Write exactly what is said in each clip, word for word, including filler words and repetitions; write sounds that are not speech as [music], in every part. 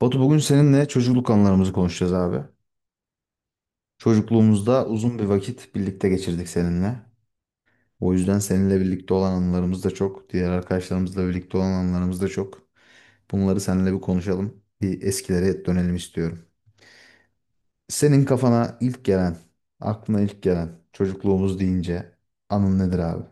Batu bugün seninle çocukluk anılarımızı konuşacağız abi. Çocukluğumuzda uzun bir vakit birlikte geçirdik seninle. O yüzden seninle birlikte olan anılarımız da çok. Diğer arkadaşlarımızla birlikte olan anılarımız da çok. Bunları seninle bir konuşalım. Bir eskilere dönelim istiyorum. Senin kafana ilk gelen, aklına ilk gelen çocukluğumuz deyince anın nedir abi?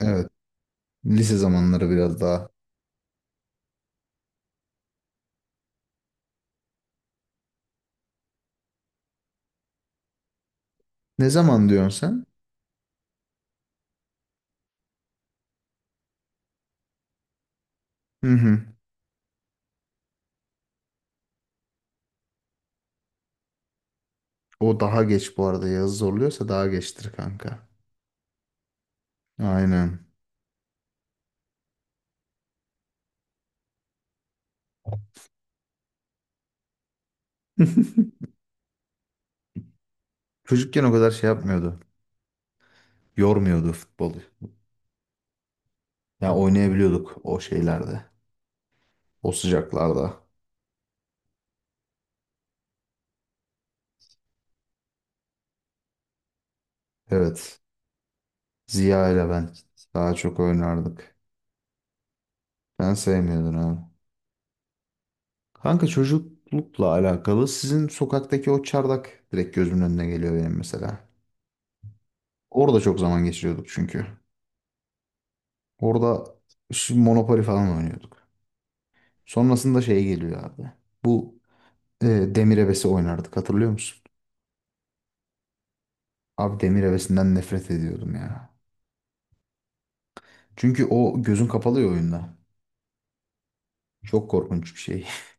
Evet, lise zamanları biraz daha. Ne zaman diyorsun sen? Hı hı. O daha geç bu arada. Yazı zorluyorsa daha geçtir kanka. Aynen. [laughs] Çocukken o kadar şey yapmıyordu. Yormuyordu futbolu. Yani oynayabiliyorduk o şeylerde. O sıcaklarda. Evet. Ziya ile ben daha çok oynardık. Ben sevmiyordum abi. Kanka çocuklukla alakalı sizin sokaktaki o çardak direkt gözümün önüne geliyor benim mesela. Orada çok zaman geçiriyorduk çünkü. Orada şu Monopoly falan oynuyorduk. Sonrasında şey geliyor abi. Bu e, Demir Ebesi oynardık hatırlıyor musun? Abi Demir Ebesi'nden nefret ediyordum ya. Çünkü o gözün kapalı ya oyunda. Çok korkunç bir şey. [laughs]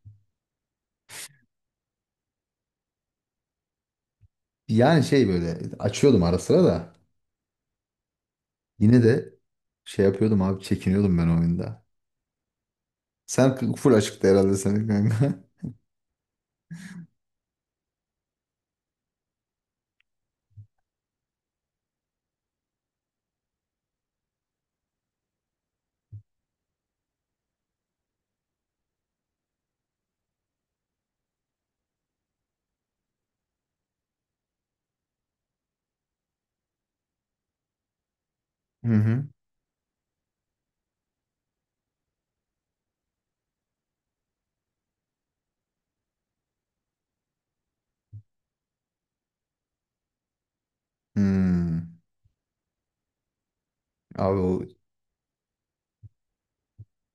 Yani şey böyle açıyordum ara sıra da yine de şey yapıyordum abi çekiniyordum ben oyunda. Sen full açıktı herhalde senin kanka. [laughs] Hı hı. Hmm. Abi o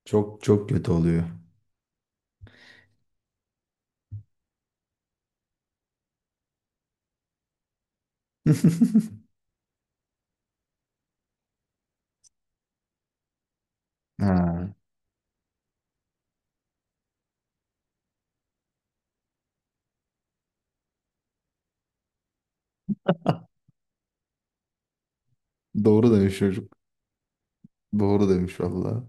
çok çok kötü oluyor. [laughs] Ha. Doğru demiş çocuk. Doğru demiş valla.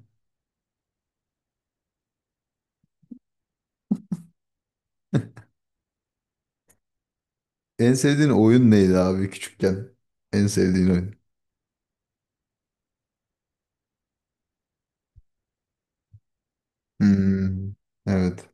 En sevdiğin oyun neydi abi küçükken? En sevdiğin oyun. Hmm. Evet.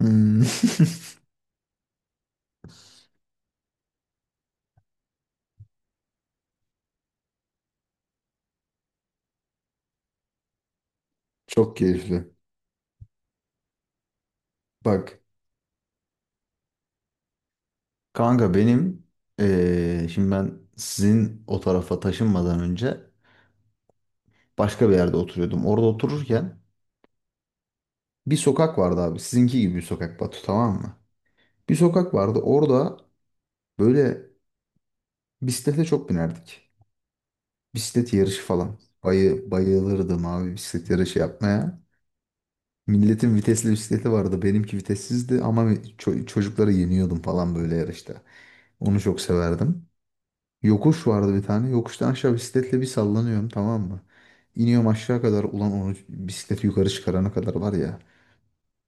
Hmm. [laughs] Çok keyifli. Bak. Kanka benim eee, şimdi ben sizin o tarafa taşınmadan önce başka bir yerde oturuyordum. Orada otururken bir sokak vardı abi. Sizinki gibi bir sokak Batu tamam mı? Bir sokak vardı. Orada böyle bisiklete çok binerdik. Bisiklet yarışı falan. Bayı, bayılırdım abi bisiklet yarışı yapmaya. Milletin vitesli bisikleti vardı. Benimki vitessizdi ama ço- çocukları yeniyordum falan böyle yarışta. Onu çok severdim. Yokuş vardı bir tane. Yokuştan aşağı bisikletle bir sallanıyorum tamam mı? İniyorum aşağı kadar. Ulan onu bisikleti yukarı çıkarana kadar var ya.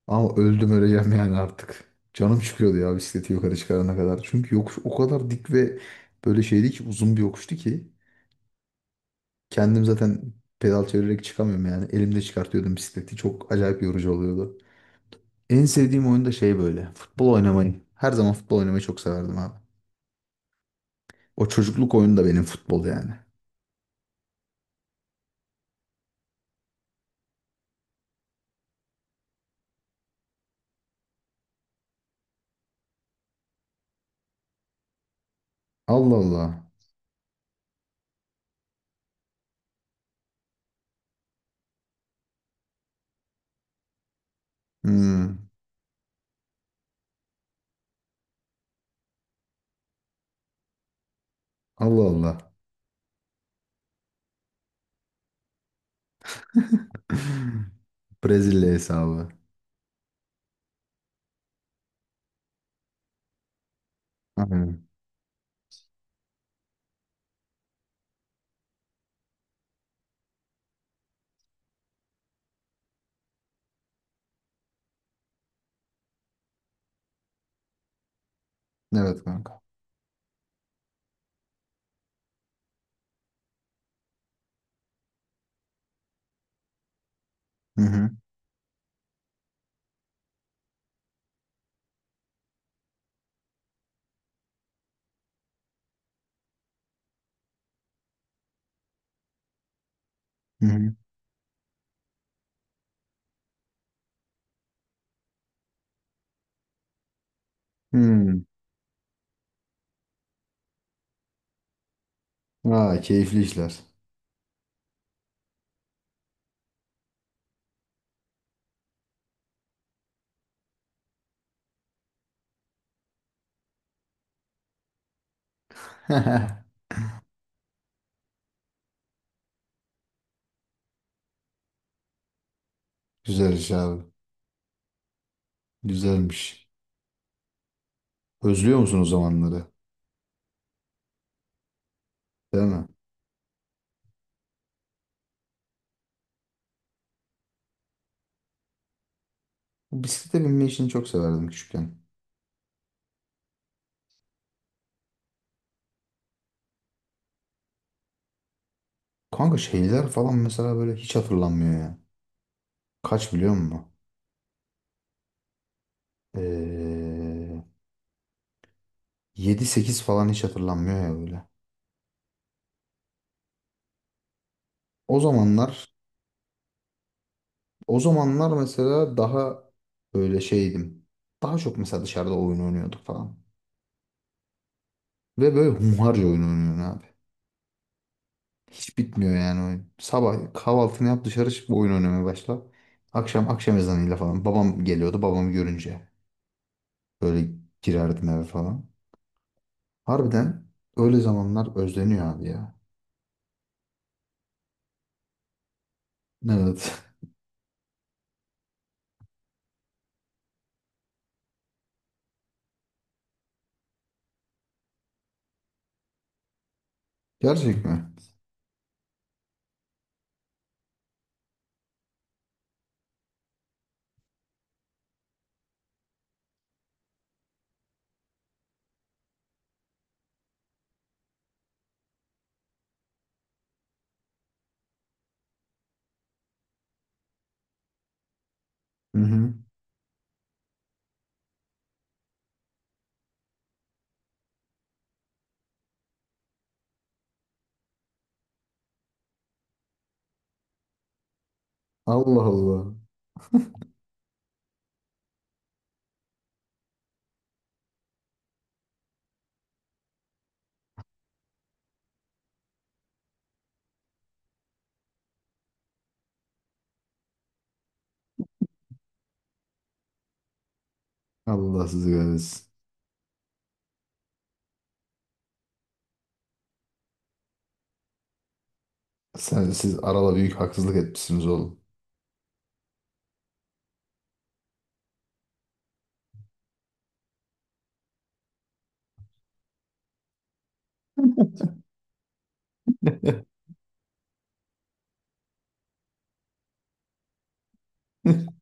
Ama öldüm öleceğim yani artık. Canım çıkıyordu ya bisikleti yukarı çıkarana kadar. Çünkü yokuş o kadar dik ve böyle şeydi ki uzun bir yokuştu ki. Kendim zaten pedal çevirerek çıkamıyorum yani. Elimde çıkartıyordum bisikleti. Çok acayip yorucu oluyordu. En sevdiğim oyun da şey böyle. Futbol oynamayı. Her zaman futbol oynamayı çok severdim abi. O çocukluk oyunu da benim futbol yani. Allah Allah. Hmm. Allah Allah. [laughs] Brezilya hesabı. Aynen. Evet kanka. Hı hı. Hı hı. Hmm. Aa, keyifli işler. [laughs] Güzel iş abi. Güzelmiş. Özlüyor musun o zamanları? Değil mi? Bisiklete binme işini çok severdim küçükken. Kanka şeyler falan mesela böyle hiç hatırlanmıyor ya. Kaç biliyor musun? Ee, yedi sekiz falan hiç hatırlanmıyor ya böyle. O zamanlar O zamanlar mesela daha böyle şeydim. Daha çok mesela dışarıda oyun oynuyorduk falan. Ve böyle hunharca oyun oynuyorsun abi. Hiç bitmiyor yani oyun. Sabah kahvaltını yap dışarı çık oyun oynamaya başla. Akşam akşam ezanıyla falan. Babam geliyordu babamı görünce. Böyle girerdim eve falan. Harbiden öyle zamanlar özleniyor abi ya. Evet. [laughs] Gerçek mi? Hı hı. Allah Allah. Allah sizi kahretsin. Sen, siz arada büyük haksızlık etmişsiniz oğlum. [laughs]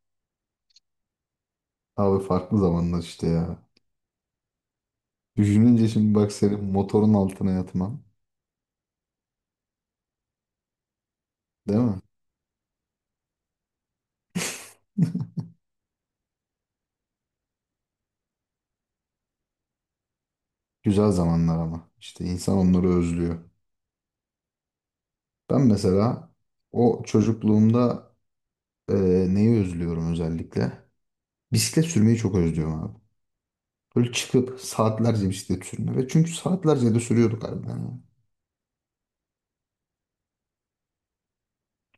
Abi farklı zamanlar işte ya. Düşününce şimdi bak senin motorun altına yatman. Değil mi? Güzel zamanlar ama. İşte insan onları özlüyor. Ben mesela o çocukluğumda e, neyi özlüyorum özellikle? Bisiklet sürmeyi çok özlüyorum abi. Böyle çıkıp saatlerce bisiklet sürme. Ve çünkü saatlerce de sürüyorduk harbiden. Ya.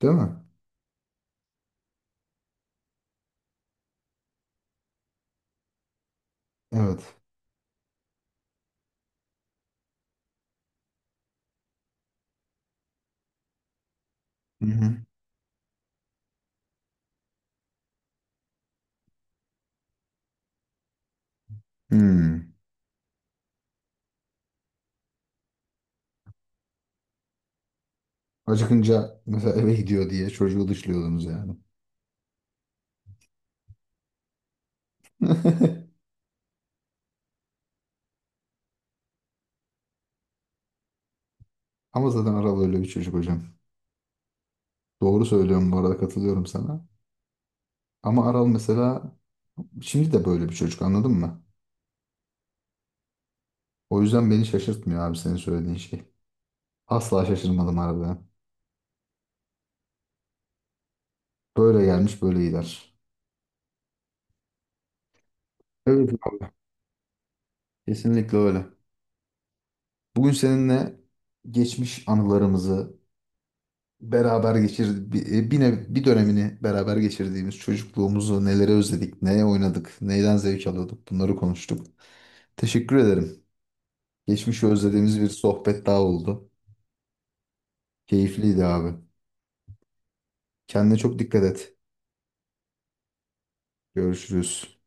Değil mi? Evet. Hı hı. Hmm. Acıkınca mesela eve gidiyor diye çocuğu dışlıyordunuz yani. [laughs] Ama zaten Aral öyle bir çocuk hocam. Doğru söylüyorum bu arada katılıyorum sana. Ama Aral mesela şimdi de böyle bir çocuk anladın mı? O yüzden beni şaşırtmıyor abi senin söylediğin şey. Asla şaşırmadım arada. Böyle gelmiş böyle gider. Evet abi. Kesinlikle öyle. Bugün seninle geçmiş anılarımızı beraber geçir bir, e, bir, nev- bir dönemini beraber geçirdiğimiz çocukluğumuzu nelere özledik, neye oynadık, neyden zevk alıyorduk bunları konuştuk. Teşekkür ederim. Geçmişi özlediğimiz bir sohbet daha oldu. Keyifliydi abi. Kendine çok dikkat et. Görüşürüz.